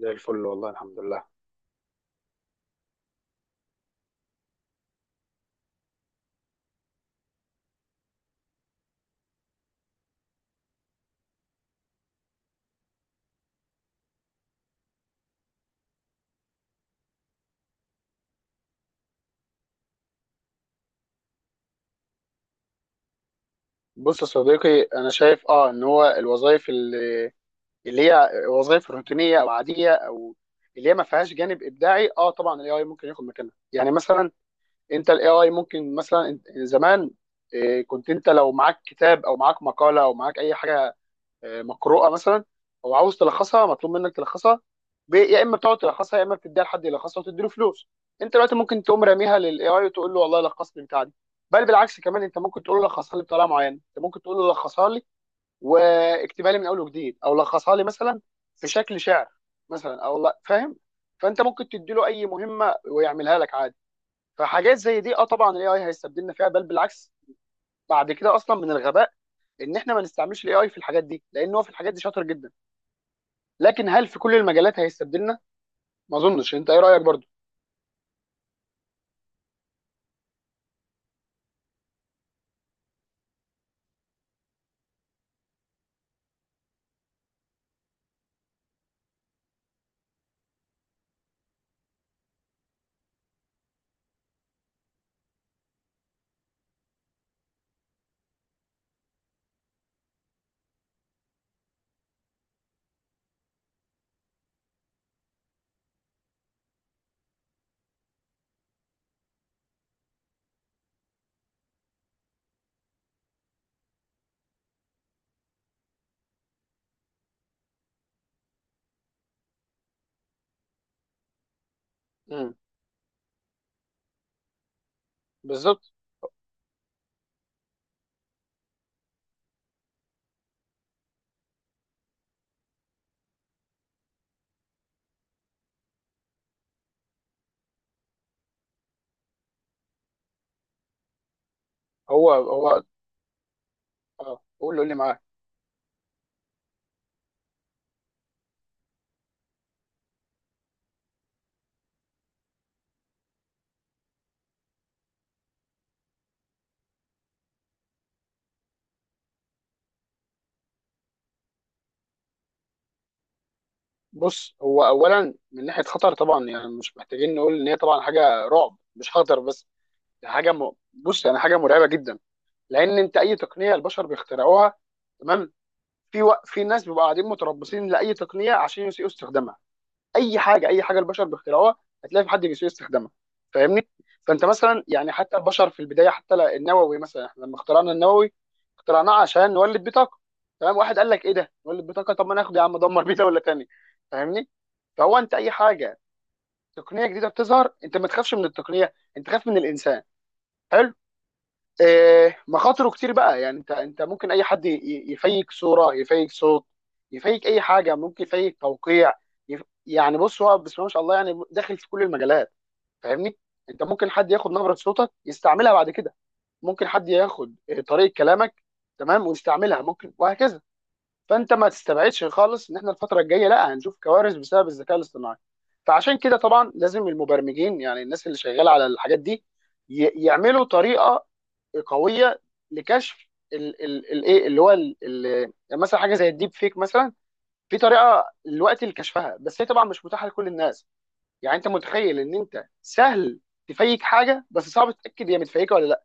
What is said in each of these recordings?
زي الفل والله، الحمد لله. بص يا صديقي، انا شايف ان هو الوظائف اللي هي وظائف روتينيه او عاديه، او اللي هي ما فيهاش جانب ابداعي. اه طبعا الاي اي ممكن ياخد مكانها. يعني مثلا انت الاي اي ممكن مثلا زمان، كنت انت لو معاك كتاب او معاك مقاله او معاك اي حاجه مقروءه مثلا، او عاوز تلخصها، مطلوب منك تلخصها. يا اما بتقعد تلخصها، يا اما بتديها لحد يلخصها وتديله فلوس. انت دلوقتي ممكن تقوم راميها للاي اي وتقول له والله لخص لي بتاع دي. بل بالعكس، كمان انت ممكن تقول له لخصها لي بطريقه معينه، انت ممكن تقول له لخصها لي واكتبها لي من اول وجديد، او لخصها لي مثلا في شكل شعر مثلا، او لا فاهم. فانت ممكن تديله اي مهمه ويعملها لك عادي. فحاجات زي دي طبعا الاي اي هيستبدلنا فيها. بل بالعكس، بعد كده اصلا من الغباء ان احنا ما نستعملش الاي اي في الحاجات دي، لان هو في الحاجات دي شاطر جدا. لكن هل في كل المجالات هيستبدلنا؟ ما اظنش. انت ايه رايك برضو؟ امم، بالظبط. هو هو اه، قول لي، قول لي معاك. بص، هو اولا من ناحيه خطر، طبعا يعني مش محتاجين نقول ان هي طبعا حاجه رعب مش خطر بس. ده حاجه بص، يعني حاجه مرعبه جدا. لان انت اي تقنيه البشر بيخترعوها، تمام. في في ناس بيبقوا قاعدين متربصين لاي تقنيه عشان يسيئوا استخدامها. اي حاجه، اي حاجه البشر بيخترعوها هتلاقي في حد بيسوء استخدامها، فاهمني؟ فانت مثلا يعني حتى البشر في البدايه، حتى النووي مثلا، احنا لما اخترعنا النووي اخترعناه عشان نولد بيه طاقه، تمام. واحد قال لك ايه ده نولد بيه طاقه، طب ما ناخد يا عم دمر بيه دوله تانيه، فاهمني؟ فهو انت اي حاجه تقنيه جديده بتظهر، انت ما تخافش من التقنيه، انت خاف من الانسان. حلو. مخاطره كتير بقى، يعني انت ممكن اي حد يفيك صوره، يفيك صوت، يفيك اي حاجه، ممكن يفيك توقيع. يعني بص، هو بسم الله ما شاء الله يعني داخل في كل المجالات، فاهمني؟ انت ممكن حد ياخد نبره صوتك يستعملها بعد كده، ممكن حد ياخد طريقه كلامك، تمام، ويستعملها ممكن، وهكذا. فانت ما تستبعدش خالص ان احنا الفتره الجايه لا هنشوف كوارث بسبب الذكاء الاصطناعي. فعشان كده طبعا لازم المبرمجين، يعني الناس اللي شغاله على الحاجات دي، يعملوا طريقه قويه لكشف الايه اللي هو يعني مثلا حاجه زي الديب فيك مثلا. في طريقه دلوقتي لكشفها بس هي طبعا مش متاحه لكل الناس. يعني انت متخيل ان انت سهل تفيك حاجه بس صعب تتاكد هي متفيكه ولا لا؟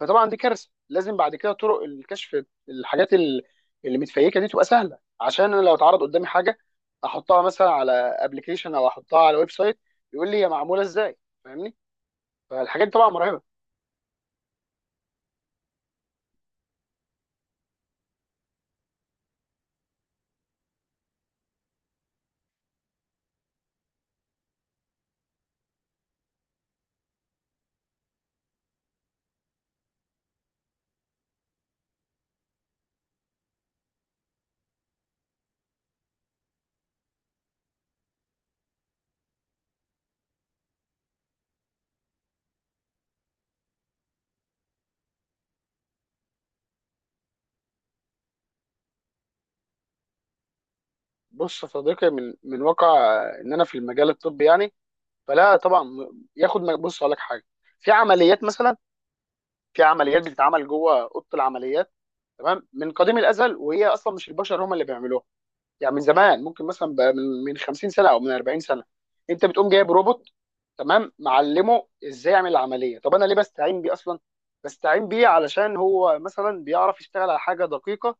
فطبعا دي كارثه. لازم بعد كده طرق الكشف الحاجات اللي متفيكه دي تبقى سهله، عشان انا لو اتعرض قدامي حاجه احطها مثلا على ابلكيشن او احطها على ويب سايت يقول لي هي معموله ازاي، فاهمني؟ فالحاجات دي طبعا مرعبه. بص يا صديقي، من واقع ان انا في المجال الطبي، يعني فلا طبعا، بص اقول لك حاجه. في عمليات مثلا، في عمليات بتتعمل جوه اوضه العمليات، تمام، من قديم الازل، وهي اصلا مش البشر هم اللي بيعملوها. يعني من زمان ممكن مثلا بقى من 50 سنه او من 40 سنه انت بتقوم جايب روبوت، تمام، معلمه ازاي يعمل العمليه. طب انا ليه بستعين بيه اصلا؟ بستعين بيه علشان هو مثلا بيعرف يشتغل على حاجه دقيقه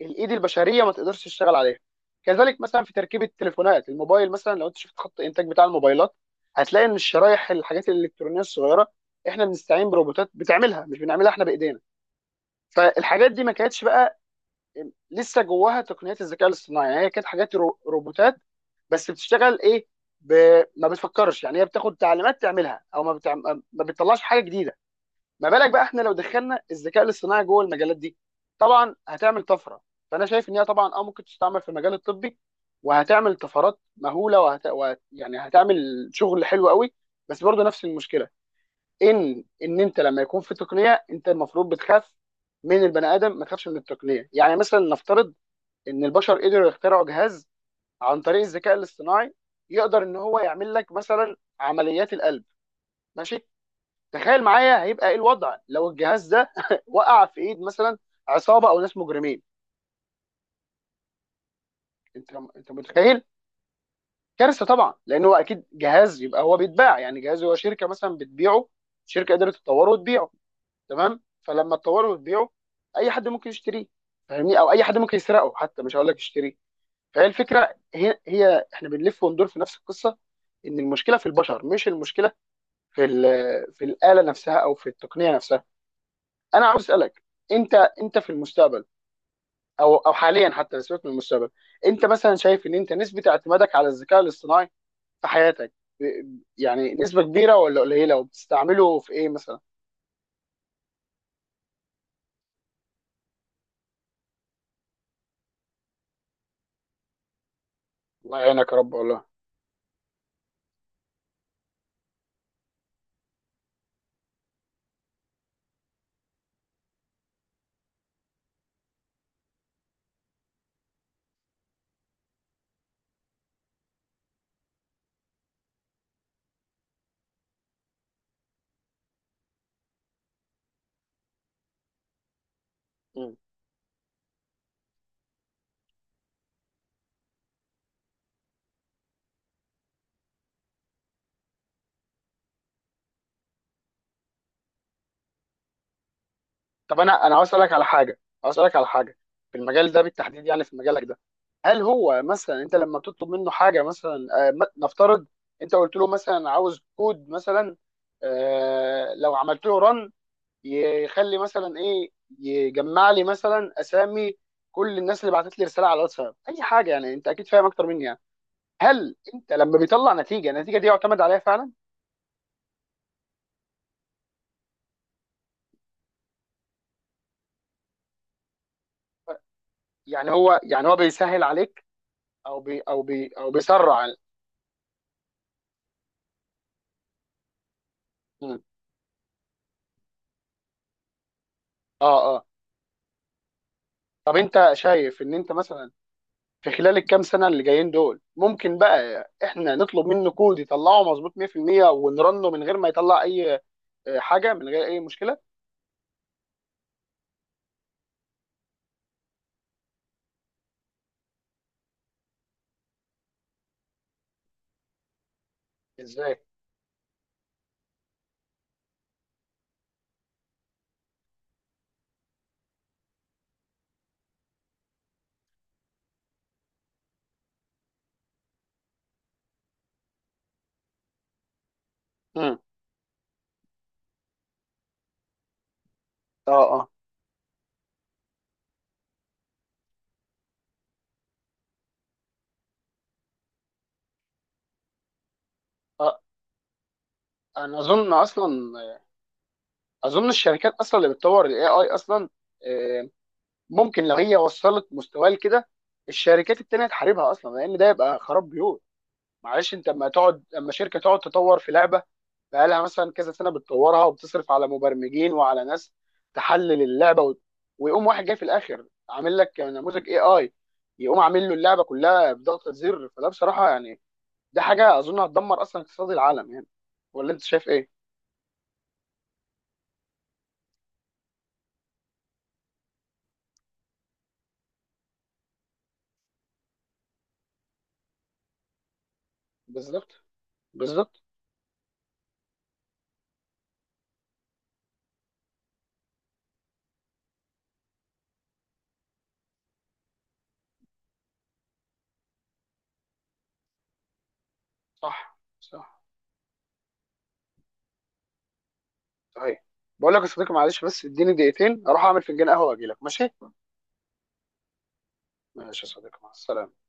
الايد البشريه ما تقدرش تشتغل عليها. كذلك مثلا في تركيب التليفونات الموبايل، مثلا لو انت شفت خط الانتاج بتاع الموبايلات هتلاقي ان الشرايح، الحاجات الالكترونيه الصغيره، احنا بنستعين بروبوتات بتعملها، مش بنعملها احنا بايدينا. فالحاجات دي ما كانتش بقى لسه جواها تقنيات الذكاء الاصطناعي، يعني هي كانت حاجات روبوتات، بس بتشتغل ايه، ب... ما بتفكرش. يعني هي بتاخد تعليمات تعملها او ما بتطلعش حاجه جديده. ما بالك بقى احنا لو دخلنا الذكاء الاصطناعي جوه المجالات دي؟ طبعا هتعمل طفره. فانا شايف ان هي طبعا ممكن تستعمل في المجال الطبي وهتعمل طفرات مهوله، يعني هتعمل شغل حلو قوي. بس برضه نفس المشكله، ان انت لما يكون في تقنيه انت المفروض بتخاف من البني ادم، ما تخافش من التقنيه. يعني مثلا نفترض ان البشر قدروا يخترعوا جهاز عن طريق الذكاء الاصطناعي يقدر ان هو يعمل لك مثلا عمليات القلب. ماشي، تخيل معايا هيبقى ايه الوضع لو الجهاز ده وقع في ايد مثلا عصابه او ناس مجرمين؟ انت متخيل؟ كارثه طبعا، لان هو اكيد جهاز يبقى هو بيتباع. يعني جهاز هو شركه مثلا بتبيعه، شركه قدرت تطوره وتبيعه، تمام، فلما تطوره وتبيعه اي حد ممكن يشتريه، فاهمني؟ او اي حد ممكن يسرقه حتى، مش هقول لك يشتريه. فهي الفكره هي احنا بنلف وندور في نفس القصه. ان المشكله في البشر، مش المشكله في في الاله نفسها او في التقنيه نفسها. انا عاوز اسالك، انت، انت في المستقبل، او حاليا حتى، سيبك من المستقبل، انت مثلا شايف ان انت نسبه اعتمادك على الذكاء الاصطناعي في حياتك يعني نسبه كبيره ولا قليله، وبتستعمله في ايه مثلا؟ الله يعينك يا رب والله. مم. طب انا عاوز اسالك على حاجه في المجال ده بالتحديد، يعني في مجالك ده. هل هو مثلا انت لما بتطلب منه حاجه مثلا نفترض انت قلت له مثلا عاوز كود مثلا، لو عملت له رن يخلي مثلا ايه؟ يجمع لي مثلا اسامي كل الناس اللي بعتت لي رساله على الواتساب، اي حاجه يعني، انت اكيد فاهم اكتر مني يعني. هل انت لما بيطلع نتيجه، النتيجه دي يعتمد عليها فعلا؟ يعني هو بيسهل عليك، او بيسرع مم. اه اه. طب انت شايف ان انت مثلا في خلال الكام سنه اللي جايين دول ممكن بقى احنا نطلب منه كود يطلعه مظبوط 100% ونرنه من غير ما يطلع اي حاجه، من غير اي مشكله؟ ازاي. مم. اه اه. آه، انا اظن اصلا، اظن الشركات اصلا اللي بتطور الاي اي اصلا آه، ممكن لو هي وصلت مستواه لكده الشركات التانية تحاربها اصلا، لان ده يبقى خراب بيوت. معلش، انت اما تقعد، اما شركة تقعد تطور في لعبة بقالها مثلا كذا سنة بتطورها وبتصرف على مبرمجين وعلى ناس تحلل اللعبة ويقوم واحد جاي في الاخر عامل لك نموذج اي اي يقوم عامل له اللعبة كلها بضغطة زر، فده بصراحة يعني ده حاجة اظن هتدمر اصلا اقتصاد العالم يعني. ولا انت شايف ايه؟ بالظبط، بالظبط. صح، صح. صحيح. بقول لك يا صديقي، معلش بس اديني دقيقتين اروح اعمل فنجان قهوه واجي لك، ماشي؟ ماشي يا صديقي، مع السلامه.